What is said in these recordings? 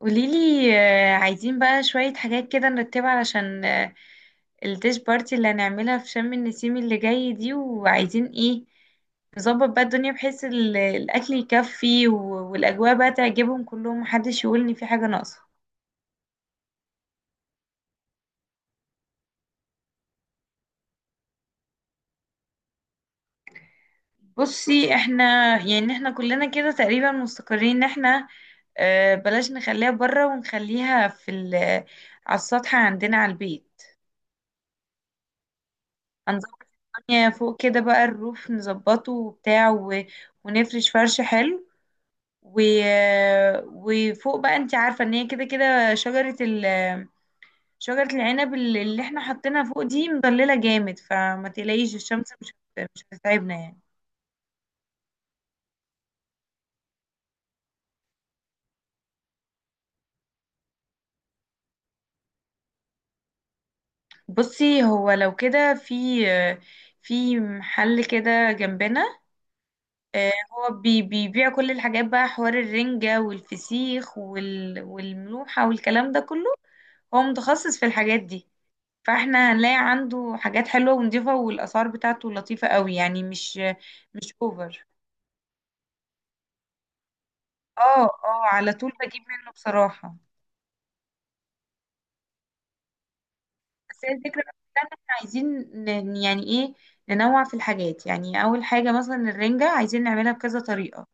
قوليلي، عايزين بقى شوية حاجات كده نرتبها علشان الديش بارتي اللي هنعملها في شم النسيم اللي جاي دي. وعايزين ايه نظبط بقى الدنيا بحيث الأكل يكفي والأجواء بقى تعجبهم كلهم، محدش يقولني في حاجة ناقصة. بصي احنا يعني احنا كلنا كده تقريبا مستقرين ان احنا، بلاش نخليها بره، ونخليها على السطح عندنا على البيت. هنظبط الدنيا فوق كده بقى، الروف نظبطه وبتاع ونفرش فرش حلو، و... وفوق بقى انت عارفة ان هي كده كده شجرة العنب اللي احنا حاطينها فوق دي مضللة جامد، فما تقلقيش الشمس مش هتتعبنا يعني. بصي هو لو كده في محل كده جنبنا، هو بيبيع كل الحاجات بقى، حوار الرنجة والفسيخ والملوحة والكلام ده كله. هو متخصص في الحاجات دي، فاحنا هنلاقي عنده حاجات حلوة ونضيفة، والأسعار بتاعته لطيفة قوي يعني، مش اوفر. اه اه، على طول بجيب منه بصراحة. بس هي الفكرة بقى كلها إن احنا عايزين يعني ايه، ننوع في الحاجات. يعني أول حاجة مثلا الرنجة عايزين نعملها بكذا طريقة،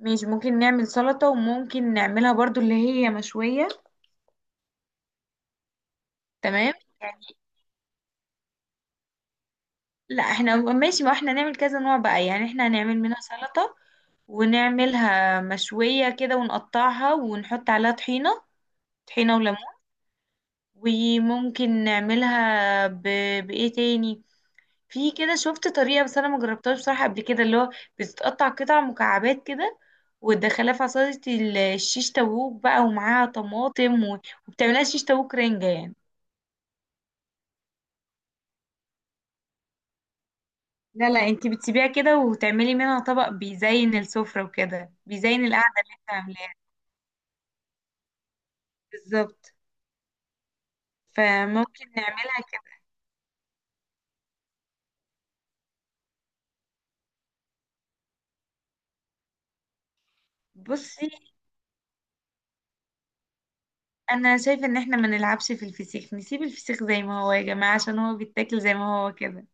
مش ممكن نعمل سلطة، وممكن نعملها برضو اللي هي مشوية. تمام، يعني لا احنا ماشي، ما احنا نعمل كذا نوع بقى، يعني احنا هنعمل منها سلطة، ونعملها مشوية كده ونقطعها ونحط عليها طحينة، طحينة وليمون. وممكن نعملها بإيه تاني، في كده شفت طريقة بس أنا ما جربتهاش بصراحة قبل كده، اللي هو بتتقطع قطع مكعبات كده، وتدخلها في عصاية الشيش تاووك بقى، ومعاها طماطم وبتعملها شيش تاووك رنجة يعني. لا لا، انتي بتسيبيها كده وتعملي منها طبق بيزين السفرة وكده بيزين القعدة اللي انت عاملاها. بالظبط، فممكن نعملها كده. بصي انا شايفه ان احنا ما نلعبش في الفسيخ، نسيب الفسيخ زي ما هو يا جماعه، عشان هو بيتاكل زي ما هو كده.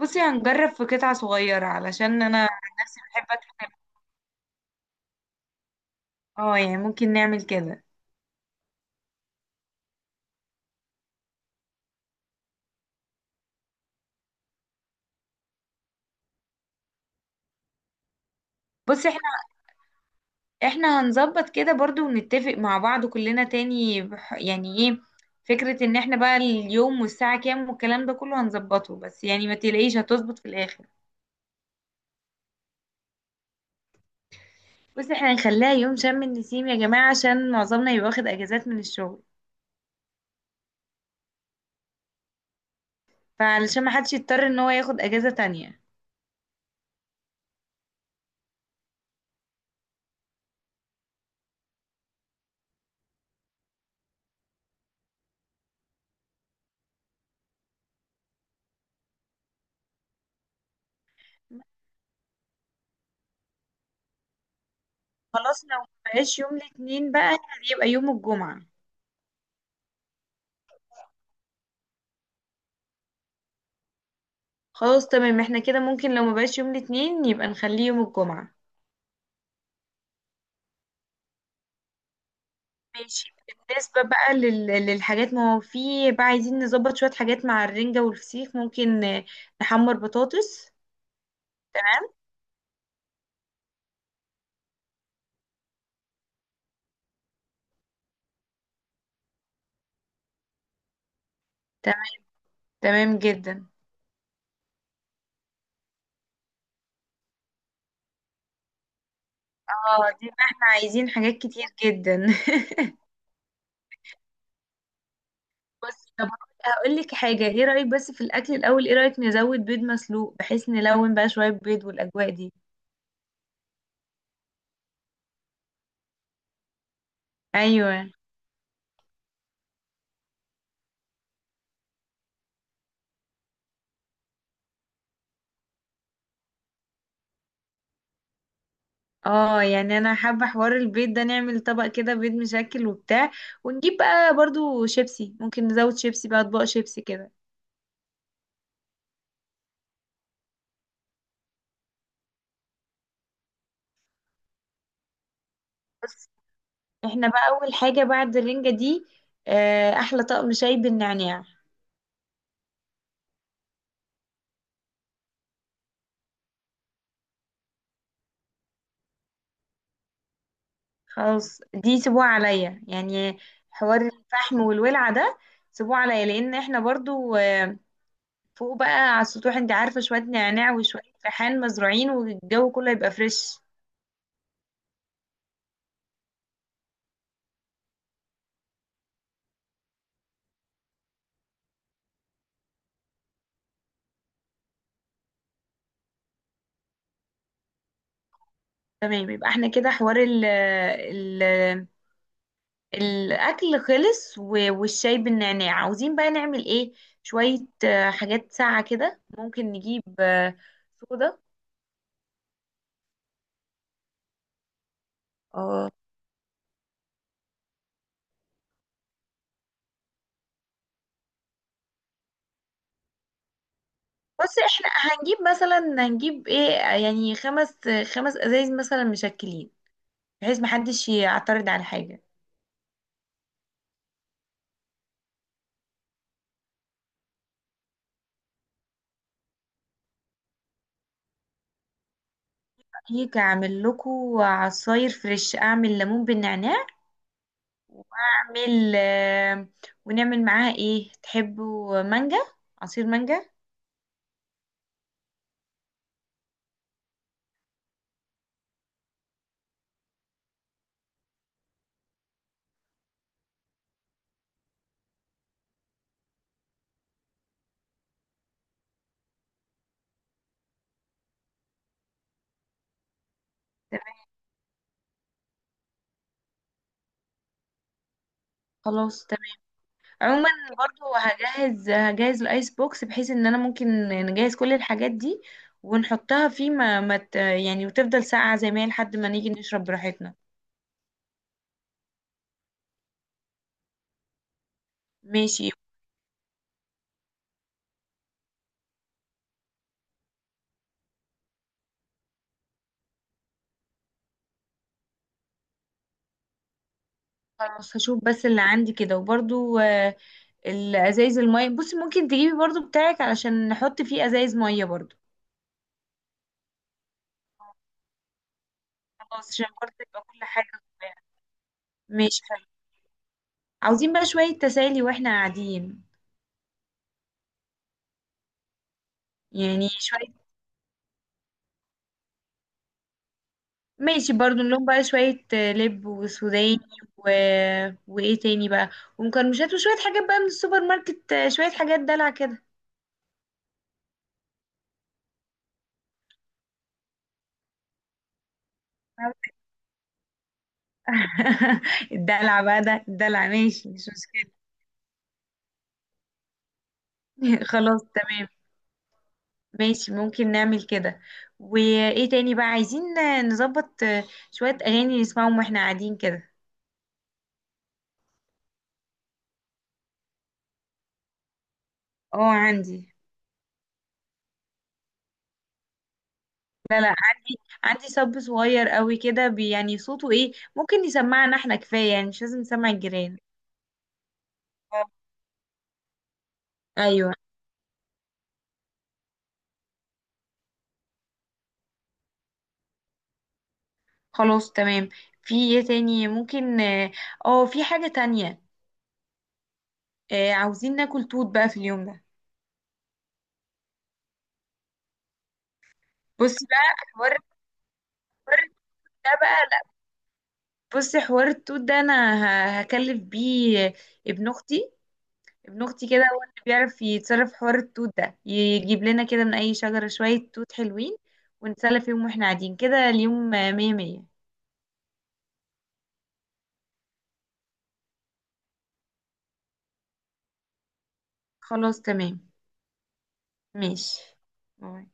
بصي هنجرب في قطعه صغيره، علشان انا عن نفسي بحب اكل. اه يعني ممكن نعمل كده. بصي احنا، احنا هنظبط كده برضو، ونتفق مع بعض كلنا تاني يعني ايه، فكره ان احنا بقى اليوم والساعه كام والكلام ده كله هنظبطه، بس يعني ما تلاقيش هتظبط في الاخر. بصي احنا هنخليها يوم شم النسيم يا جماعه، عشان معظمنا يبقى واخد اجازات من الشغل، فعلشان ما حدش يضطر ان هو ياخد اجازه تانية. خلاص، لو ما بقاش يوم الاثنين بقى، يبقى يوم الجمعة. خلاص تمام، احنا كده ممكن لو ما بقاش يوم الاثنين يبقى نخليه يوم الجمعة. ماشي. بالنسبة بقى للحاجات، ما هو في بقى عايزين نظبط شوية حاجات مع الرنجة والفسيخ. ممكن نحمر بطاطس. تمام، تمام جدا. اه دي بقى احنا عايزين حاجات كتير جدا بس طب هقول لك حاجة، ايه رأيك بس في الأكل الأول، ايه رأيك نزود بيض مسلوق، بحيث نلون بقى شوية بيض والأجواء دي. ايوه. اه يعني انا حابة حوار البيض ده، نعمل طبق كده بيض مشكل وبتاع، ونجيب بقى برضو شيبسي، ممكن نزود شيبسي بقى، اطباق شيبسي كده. بس احنا بقى اول حاجة بعد الرنجة دي، احلى طقم شاي بالنعناع. خلاص دي سيبوها عليا يعني، حوار الفحم والولعة ده سيبوه عليا، لان احنا برضو فوق بقى على السطوح، انت عارفة شوية نعناع وشوية ريحان مزروعين والجو كله يبقى فريش. تمام، يبقى احنا كده حوار ال الاكل خلص، والشاي بالنعناع عاوزين بقى نعمل ايه، شوية حاجات ساقعة كده. ممكن نجيب صودا. اه. بس احنا هنجيب مثلا، هنجيب ايه يعني خمس ازايز مثلا مشكلين، بحيث محدش يعترض على حاجة. هيك اعمل لكم عصاير فريش، اعمل ليمون بالنعناع، واعمل ونعمل معاها ايه، تحبوا مانجا، عصير مانجا. تمام. خلاص، عموما برضو هجهز الايس بوكس، بحيث ان انا ممكن نجهز كل الحاجات دي ونحطها فيه، ما, ما ت- يعني وتفضل ساقعة زي ما هي لحد ما نيجي نشرب براحتنا. ماشي. خلاص هشوف بس اللي عندي كده، وبرضو الازايز المية، بصي ممكن تجيبي برضو بتاعك علشان نحط فيه ازايز مية برضو. خلاص، عشان برضو يبقى كل حاجة كويسة. ماشي، حلو. عاوزين بقى شوية تسالي واحنا قاعدين، يعني شوية، ماشي برضو، نلوم بقى شوية لب وسوداني، و... وإيه تاني بقى، ومكرمشات، وشوية حاجات بقى من السوبر ماركت، شوية حاجات دلع كده. الدلع بقى ده، الدلع ماشي مش مشكلة. خلاص تمام. ماشي، ممكن نعمل كده. وإيه تاني بقى عايزين نظبط شوية أغاني نسمعهم وإحنا قاعدين كده. اه عندي. لا لا، عندي صب صغير قوي كده يعني صوته ايه، ممكن يسمعنا احنا كفاية يعني، مش لازم نسمع الجيران. آه. ايوه، خلاص تمام. في ايه تاني ممكن، اه في حاجة تانية. عاوزين ناكل توت بقى في اليوم ده. بصي بقى حوار ده بقى، لا، بصي حوار التوت ده انا هكلف بيه ابن اختي ابن اختي كده هو اللي بيعرف يتصرف في حوار التوت ده، يجيب لنا كده من اي شجرة شوية توت حلوين، ونتسلى فيهم واحنا قاعدين كده اليوم. مية مية. خلاص تمام. ماشي، باي.